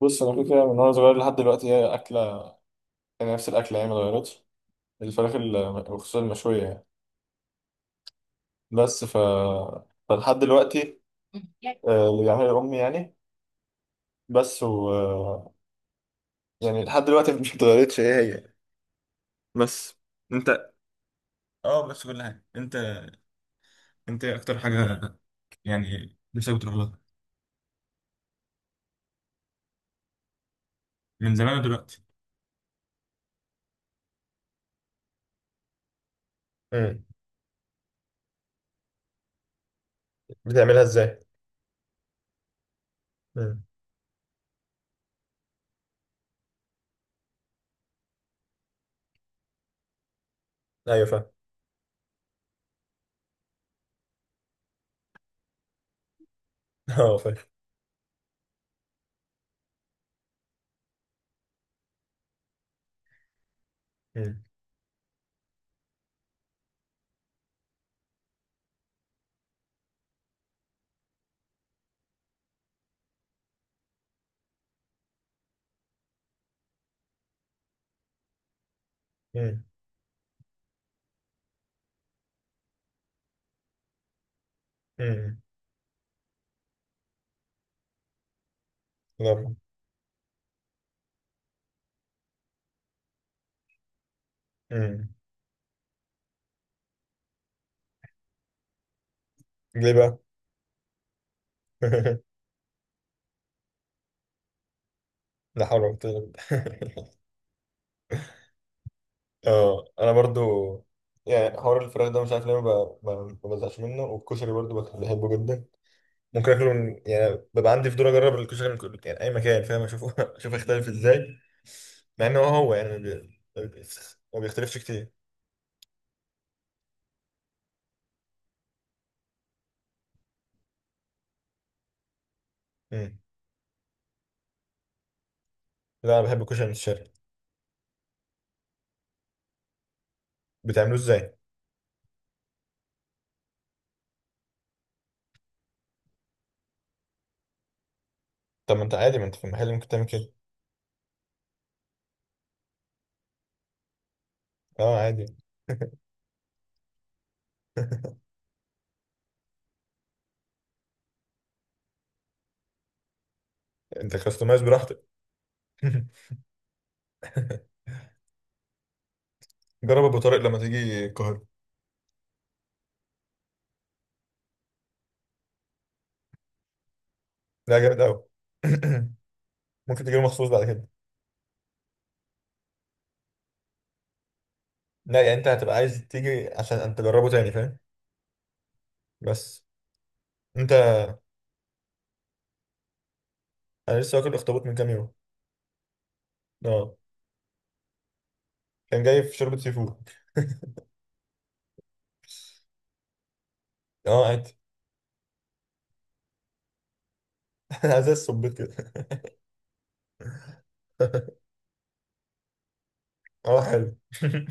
بص، انا كده كده من وانا صغير لحد دلوقتي هي اكله. يعني نفس الاكله، يعني ما اتغيرتش. الفراخ، وخصوصا المشويه يعني. بس، فلحد دلوقتي، اللي بيعملها امي يعني. بس و آه، يعني لحد دلوقتي مش اتغيرتش، هي. بس. انت اه بس كل حاجه. انت إيه اكتر حاجه يعني نفسك بتروح لها؟ من زمان ودلوقتي. امم. بتعملها ازاي؟ امم. ايوه فاهم. اه فاهم. امم. امم. امم. لا. امم. ليه بقى؟ لا حول ولا قوه إلا بالله. اه انا برضو يعني حوار الفراخ ده مش عارف ليه ما ب- ما- ما بزهقش منه، والكشري برضو بحبه جدا. ممكن اكله من يعني ببقى عندي فضول اجرب الكشري من كل يعني اي مكان، فاهم، اشوفه اشوف يختلف ازاي. مع انه هو هو يعني ما بيختلفش كتير. مم. لا انا بحب الكشري من الشرق. بتعملوه ازاي؟ طب ما انت عادي، ما انت في المحل ممكن تعمل كده. اه عادي. انت كاستمايز براحتك. جرب ابو طارق لما تيجي القاهره. لا جامد قوي. ممكن تجيله مخصوص بعد كده. لا، يعني انت هتبقى عايز تيجي عشان انت تجربه تاني فاهم. بس. انت انا لسه واكل اخطبوط من كام يوم. اه كان جاي في شوربه سي فود. اه عادي. زي الصبيط كده. اه حلو.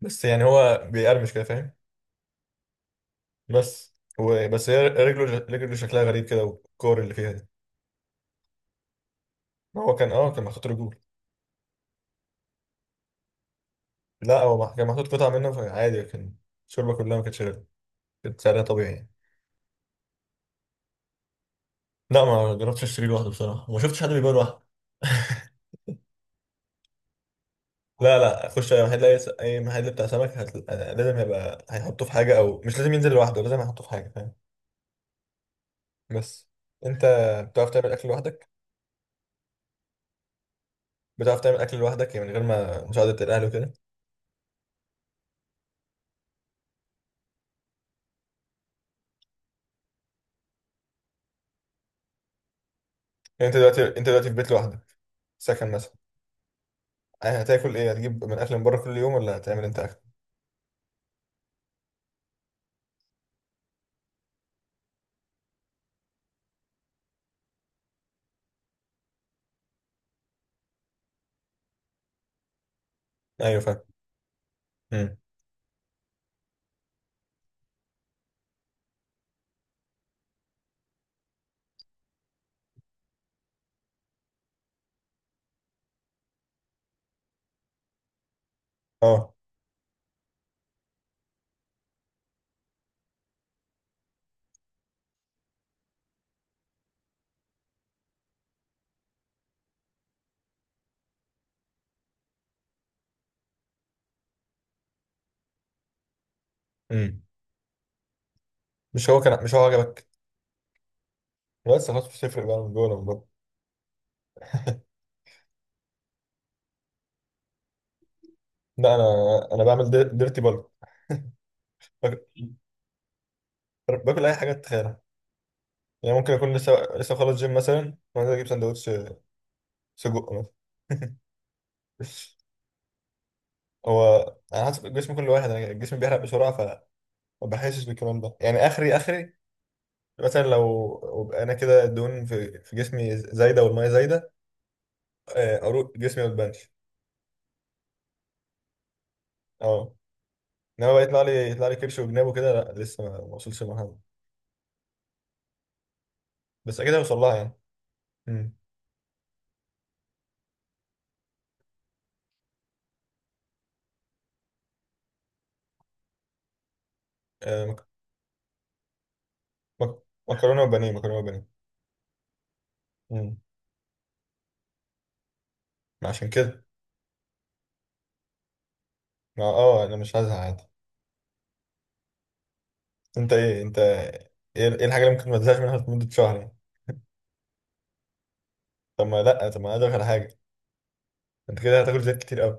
بس يعني هو بيقرمش كده فاهم. بس. هو بس هي رجله شكلها غريب كده، والكور اللي فيها دي. ما هو كان اه كان محطوط رجول. لا هو كان محطوط قطع منه فعادي كان. الشوربه كلها ما كانتش غير. كانت سعرها طبيعي يعني. لا ما جربتش اشتري لوحده بصراحه، وما شفتش حد بيبيع لوحده. لا لا خش اي محل، أي محل بتاع سمك لازم يبقى هيحطه في حاجه، او مش لازم ينزل لوحده، لازم يحطه في حاجه فاهم. بس. انت، بتعرف تعمل اكل لوحدك بتعرف تعمل اكل لوحدك يعني من غير ما مساعده الاهل وكده؟ يعني انت دلوقتي، في بيت لوحدك، سكن مثلا؟ هتاكل ايه؟ هتجيب من اكل من بره كل يوم ولا هتعمل انت اكل؟ ايوه فاهم. امم. اه. امم. مش هو كان، مش هو عجبك؟ بس خلاص مش هتفرق بقى من جوه ولا من بره. لا انا، بعمل ديرتي بالك، باكل، باكل اي حاجه تتخيلها. يعني ممكن اكون لسه خلص جيم مثلا وانزل اجيب سندوتش سجق مثلا. هو على حسب الجسم كل واحد. انا الجسم بيحرق بسرعه، فما بحسش بالكلام ده يعني، اخري مثلا لو، وبقى انا كده الدهون في جسمي زايده والميه زايده. اروق جسمي ما تبانش. اه انما بقى يطلع لي، كرش وجناب وكده، لا لسه ما وصلش المرحله دي. بس اكيد هوصل لها يعني. امم. آه، مك- مك- مكرونه وبانيه. مكرونه وبانيه. امم. عشان كده، اه انا مش هزهق. انت ايه ايه الحاجه اللي ممكن ما تزهقش منها لمده شهر يعني؟ طب ما لا، طب ما أنا ادخل على حاجه، انت كده هتاكل زيت كتير قوي.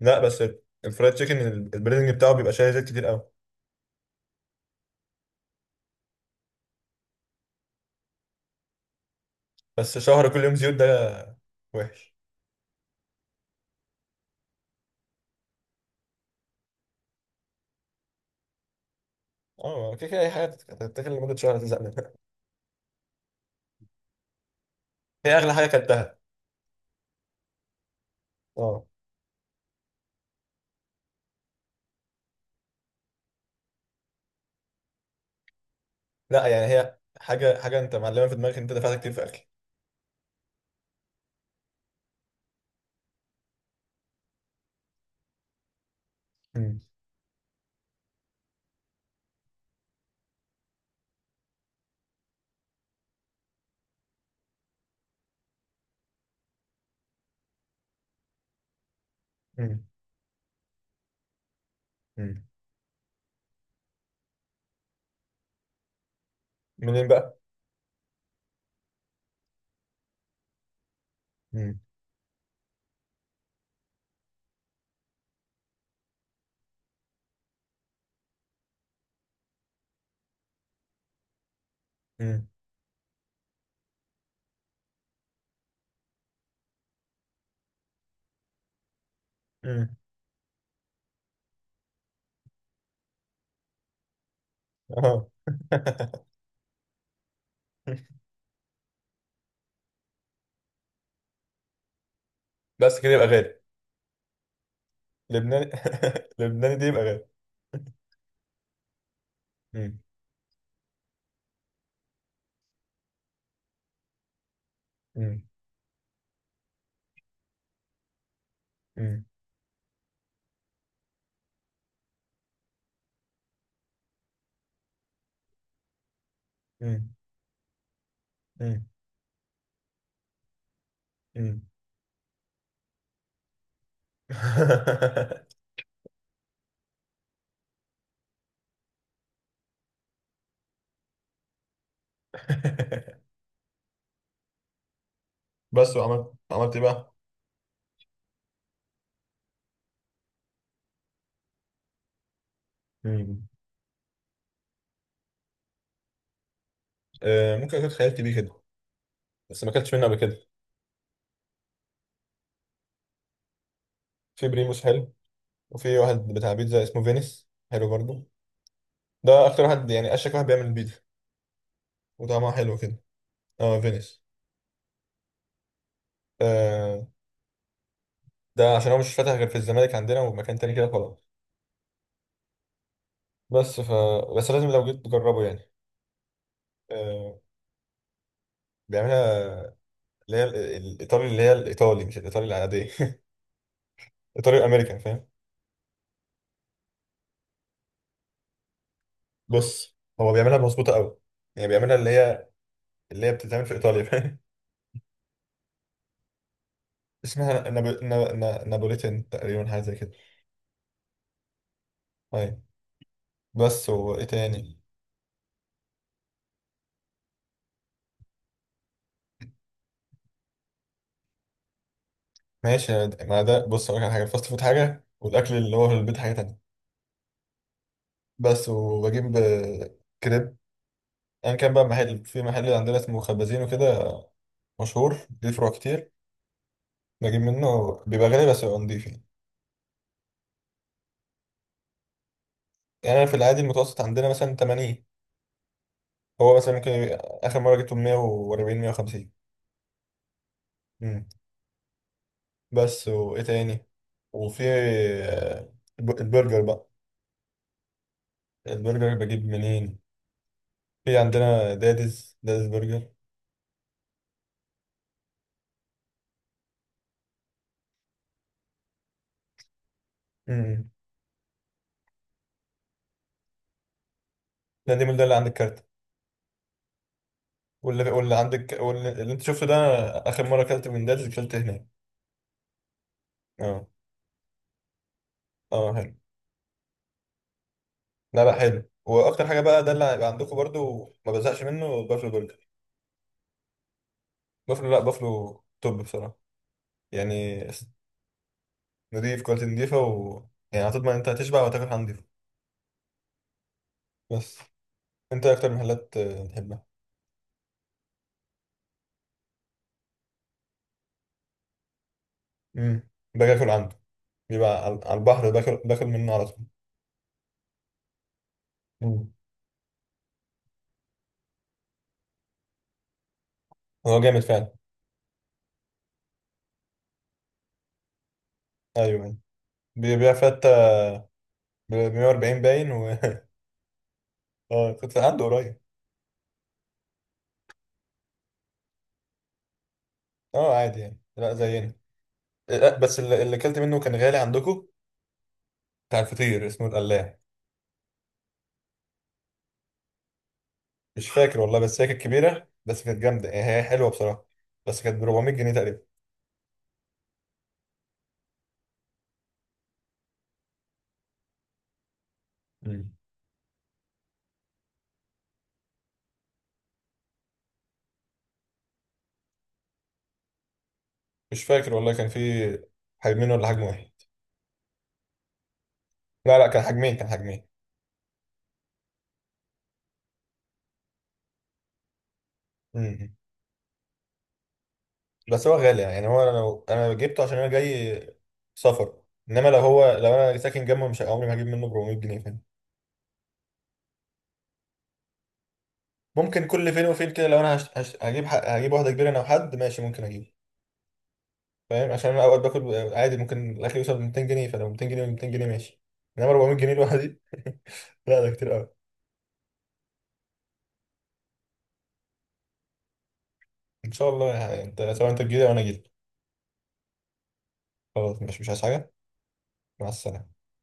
لا بس الفرايد تشيكن البريدنج بتاعه بيبقى شايل زيت كتير قوي. بس شهر كل يوم زيوت ده وحش. اه كده كده اي حاجه هتتاكل لمده شهر هتزهق منها. هي اغلى حاجه اكلتها؟ اه. لا يعني هي حاجه، انت معلمه في دماغك انت دفعت كتير في اكل. مم. مم. مم. منين بقى؟ مم. مم. مم. اه. بس كده يبقى غالي. لبناني. لبناني دي يبقى غالي. مم. مم. مم. مم. مم. بس وعملت، عملت ايه بقى؟ مم. آه ممكن اكون خيالت بيه كده، بس ما اكلتش منه قبل كده. في بريموس حلو. وفي واحد بتاع بيتزا اسمه فينيس، حلو برضه. ده اكتر واحد يعني اشك واحد بيعمل البيتزا وطعمها حلو كده. اه فينيس. آه. ده عشان هو مش فاتح غير في الزمالك عندنا ومكان تاني كده، خلاص. بس ف. بس لازم لو جيت تجربه يعني. آه بيعملها اللي هي الايطالي، اللي هي الايطالي مش الايطالي العاديه. الايطالي الامريكان فاهم. بص هو بيعملها مظبوطه قوي، يعني بيعملها اللي هي، بتتعمل في ايطاليا فاهم. اسمها نابوليتن تقريبا، حاجه زي كده. طيب. بس وايه تاني؟ ماشي يا ما ده بص اقول لك على حاجه، الفاست فود حاجه والاكل اللي هو في البيت حاجه تانية. بس. وبجيب كريب ايا كان بقى. محل، في محل عندنا اسمه خبازين وكده، مشهور ليه فروع كتير. بجيب منه، بيبقى غالي بس بيبقى نضيف يعني. يعني انا في العادي المتوسط عندنا مثلا 80. هو مثلا ممكن اخر مره جبته 140 150. بس وايه تاني؟ وفي البرجر بقى. البرجر بجيب منين؟ في عندنا داديز، برجر. امم. ده دي من ده اللي عند الكارت، واللي عندك، اللي انت شفته ده. اخر مره اكلت من داديز اكلت هناك. اه اه حلو. لا لا حلو، واكتر حاجه بقى ده اللي هيبقى عندكم برضو ما بزهقش منه بافلو برجر. بافلو، لا بافلو توب بصراحه يعني. نضيف، كواليتي نضيفه. و، يعني هتضمن انت هتشبع وتاكل حاجه نضيفه. بس. انت إيه اكتر محلات تحبها؟ امم. باجي اكل عنده. بيبقى على البحر، باكل، منه على طول. مم. هو جامد فعلا. ايوه أيوة. بيبيع فتة ب 140 باين و. اه كنت عنده قريب. اه عادي يعني، لا زينا. إيه، لا بس اللي، اكلت منه كان غالي عندكم. بتاع الفطير اسمه القلاع. مش فاكر والله بس هي كانت كبيرة، بس كانت جامدة يعني، هي حلوة بصراحة. بس كانت ب 400 جنيه تقريبا. مم. مش فاكر والله كان في حجمين ولا حجم واحد. لا لا كان حجمين، كان حجمين. امم. بس هو غالي يعني. هو انا لو انا جبته عشان انا جاي سفر، انما لو هو، لو انا ساكن جنبه مش عمري ما هجيب منه 400 جنيه فاهم. ممكن كل فين وفين كده، لو انا هجيب واحده كبيره انا وحد ماشي ممكن اجيبه. فاهم عشان انا اوقات باكل عادي ممكن الاكل يوصل ل 200 جنيه، فلو 200 جنيه، 200 جنيه ماشي. انما 400 جنيه لوحدي، لا ده كتير قوي. ان شاء الله يعني انت سواء انت تجيلي او انا اجيلك. خلاص مش عايز حاجه. مع السلامه.